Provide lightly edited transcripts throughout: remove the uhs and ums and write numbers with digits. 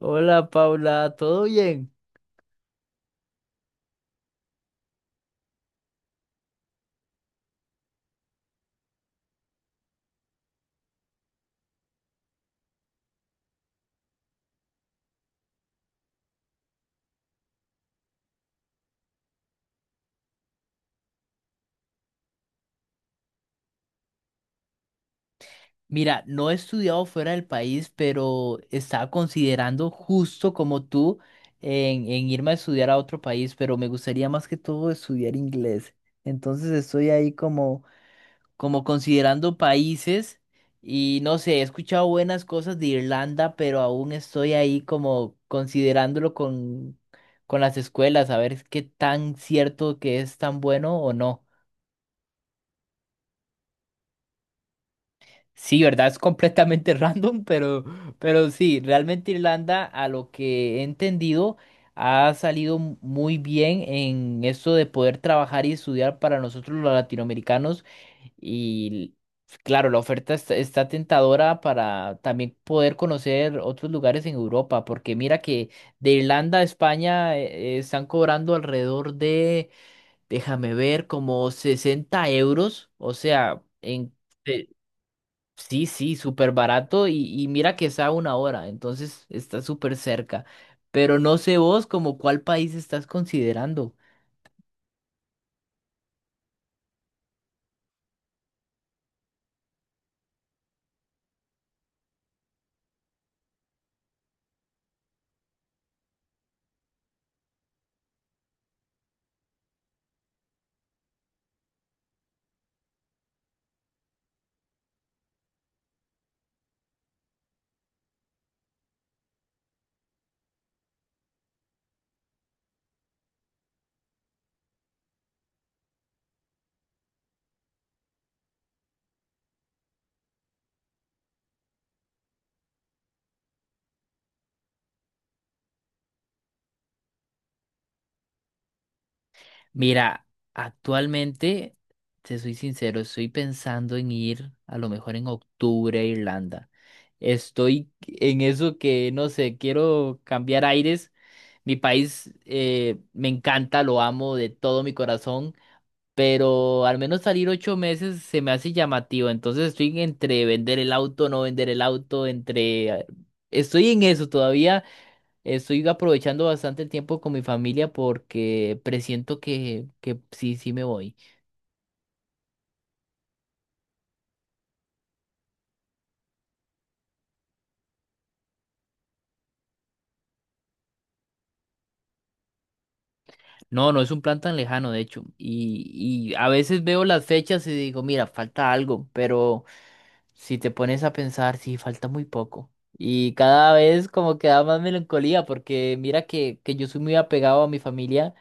Hola Paula, ¿todo bien? Mira, no he estudiado fuera del país, pero estaba considerando justo como tú en irme a estudiar a otro país, pero me gustaría más que todo estudiar inglés. Entonces estoy ahí como, como considerando países y no sé, he escuchado buenas cosas de Irlanda, pero aún estoy ahí como considerándolo con las escuelas, a ver qué tan cierto que es tan bueno o no. Sí, ¿verdad? Es completamente random, pero sí, realmente Irlanda, a lo que he entendido, ha salido muy bien en esto de poder trabajar y estudiar para nosotros los latinoamericanos. Y claro, la oferta está, está tentadora para también poder conocer otros lugares en Europa, porque mira que de Irlanda a España están cobrando alrededor de, déjame ver, como 60 euros, o sea, en... Sí, sí, súper barato y mira que está a una hora, entonces está súper cerca. Pero no sé vos como cuál país estás considerando. Mira, actualmente, te soy sincero, estoy pensando en ir a lo mejor en octubre a Irlanda. Estoy en eso que, no sé, quiero cambiar aires. Mi país me encanta, lo amo de todo mi corazón. Pero al menos salir 8 meses se me hace llamativo. Entonces estoy entre vender el auto, no vender el auto, entre... Estoy en eso todavía. Estoy aprovechando bastante el tiempo con mi familia porque presiento que sí, sí me voy. No, no es un plan tan lejano, de hecho. Y a veces veo las fechas y digo, mira, falta algo, pero si te pones a pensar, sí, falta muy poco. Y cada vez como que da más melancolía porque mira que yo soy muy apegado a mi familia.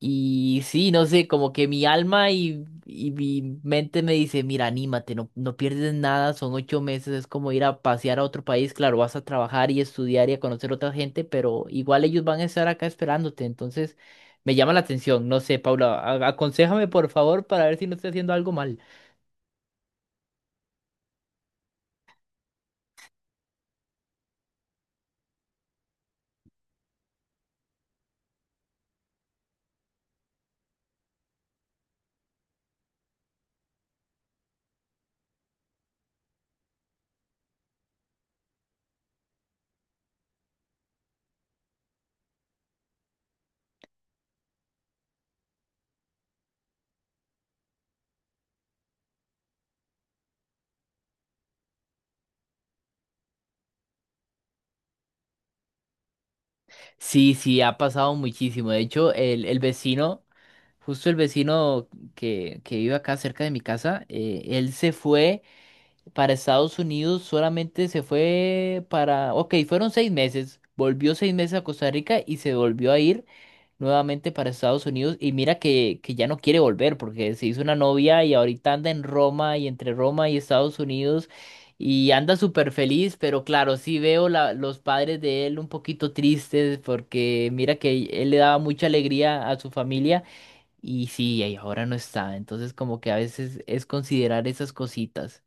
Y sí, no sé, como que mi alma y mi mente me dice, mira, anímate, no, no pierdes nada, son 8 meses, es como ir a pasear a otro país, claro, vas a trabajar y estudiar y a conocer otra gente, pero igual ellos van a estar acá esperándote, entonces me llama la atención, no sé, Paula, aconséjame por favor para ver si no estoy haciendo algo mal. Sí, sí, ha pasado muchísimo, de hecho, el vecino, justo el vecino que vive acá cerca de mi casa, él se fue para Estados Unidos. Solamente se fue para, ok, fueron 6 meses, volvió 6 meses a Costa Rica y se volvió a ir nuevamente para Estados Unidos y mira que ya no quiere volver porque se hizo una novia y ahorita anda en Roma y entre Roma y Estados Unidos y anda súper feliz, pero claro, sí veo los padres de él un poquito tristes porque mira que él le daba mucha alegría a su familia. Y sí, y ahora no está. Entonces como que a veces es considerar esas cositas.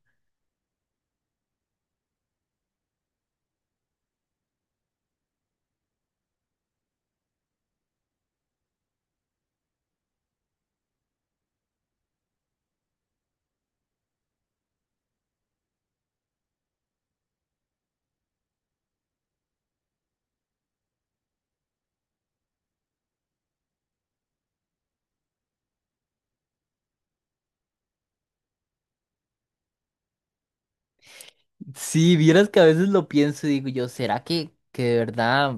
Sí, vieras que a veces lo pienso y digo yo, ¿será que de verdad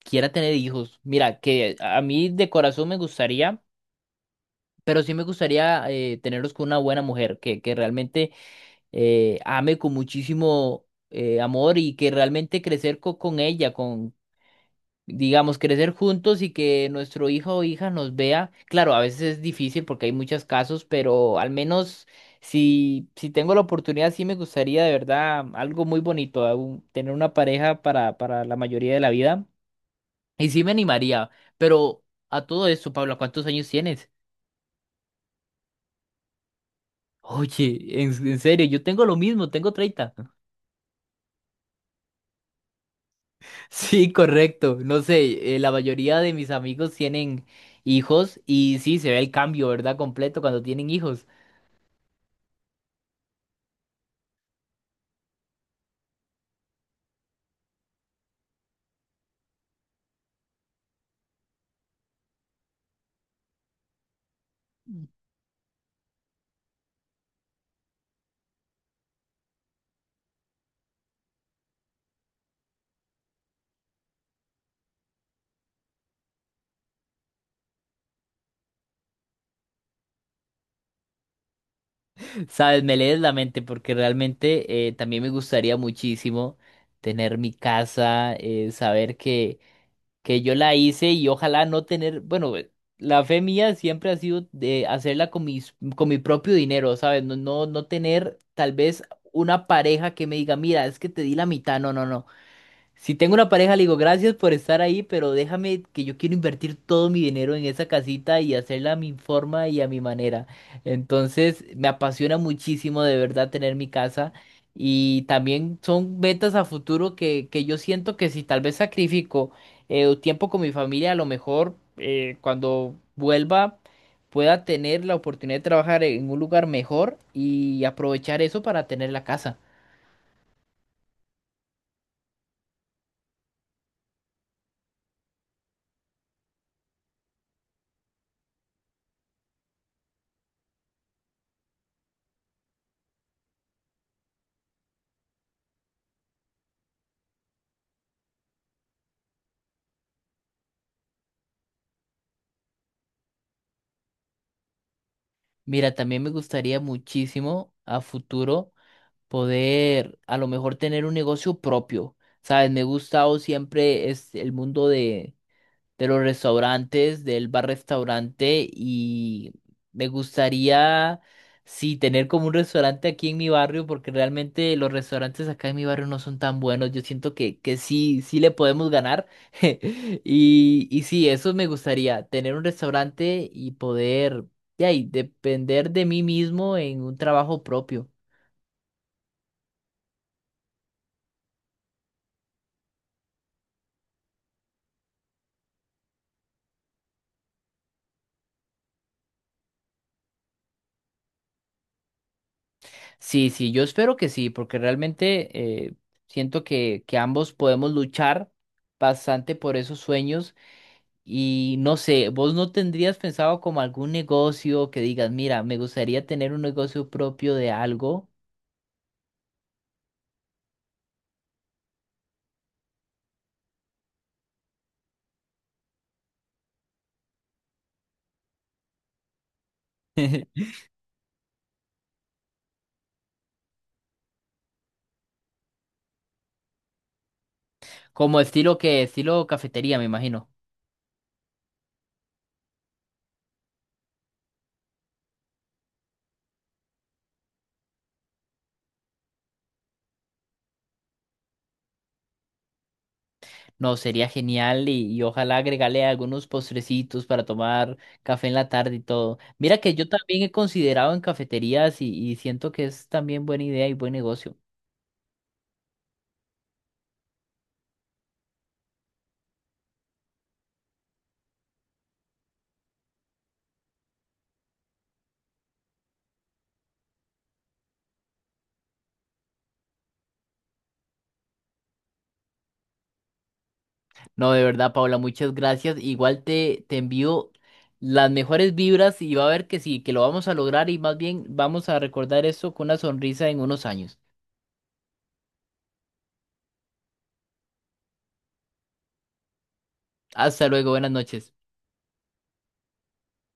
quiera tener hijos? Mira, que a mí de corazón me gustaría, pero sí me gustaría tenerlos con una buena mujer, que realmente ame con muchísimo amor y que realmente crecer con ella, digamos, crecer juntos y que nuestro hijo o hija nos vea. Claro, a veces es difícil porque hay muchos casos, pero al menos si, si tengo la oportunidad, sí me gustaría de verdad algo muy bonito, tener una pareja para la mayoría de la vida. Y sí me animaría, pero a todo esto, Pablo, ¿cuántos años tienes? Oye, en serio, yo tengo lo mismo, tengo 30. Sí, correcto. No sé, la mayoría de mis amigos tienen hijos y sí, se ve el cambio, ¿verdad? Completo cuando tienen hijos. Sabes, me lees la mente porque realmente también me gustaría muchísimo tener mi casa, saber que yo la hice y ojalá no tener, bueno, la fe mía siempre ha sido de hacerla con mis, con mi propio dinero, ¿sabes? No, no, no tener tal vez una pareja que me diga, mira, es que te di la mitad, no, no, no. Si tengo una pareja, le digo gracias por estar ahí, pero déjame que yo quiero invertir todo mi dinero en esa casita y hacerla a mi forma y a mi manera. Entonces, me apasiona muchísimo de verdad tener mi casa y también son metas a futuro que yo siento que si tal vez sacrifico tiempo con mi familia, a lo mejor cuando vuelva pueda tener la oportunidad de trabajar en un lugar mejor y aprovechar eso para tener la casa. Mira, también me gustaría muchísimo a futuro poder a lo mejor tener un negocio propio. Sabes, me ha gustado siempre es el mundo de los restaurantes, del bar-restaurante y me gustaría, sí, tener como un restaurante aquí en mi barrio porque realmente los restaurantes acá en mi barrio no son tan buenos. Yo siento que sí, sí le podemos ganar. Y sí, eso me gustaría, tener un restaurante y poder, ya, y depender de mí mismo en un trabajo propio. Sí, sí, yo espero que sí, porque realmente siento que ambos podemos luchar bastante por esos sueños. Y no sé, ¿vos no tendrías pensado como algún negocio que digas, mira, me gustaría tener un negocio propio de algo? Como estilo que, estilo cafetería, me imagino. No, sería genial y ojalá agregarle algunos postrecitos para tomar café en la tarde y todo. Mira que yo también he considerado en cafeterías y siento que es también buena idea y buen negocio. No, de verdad, Paula, muchas gracias. Igual te, te envío las mejores vibras y va a ver que sí, que lo vamos a lograr y más bien vamos a recordar esto con una sonrisa en unos años. Hasta luego, buenas noches.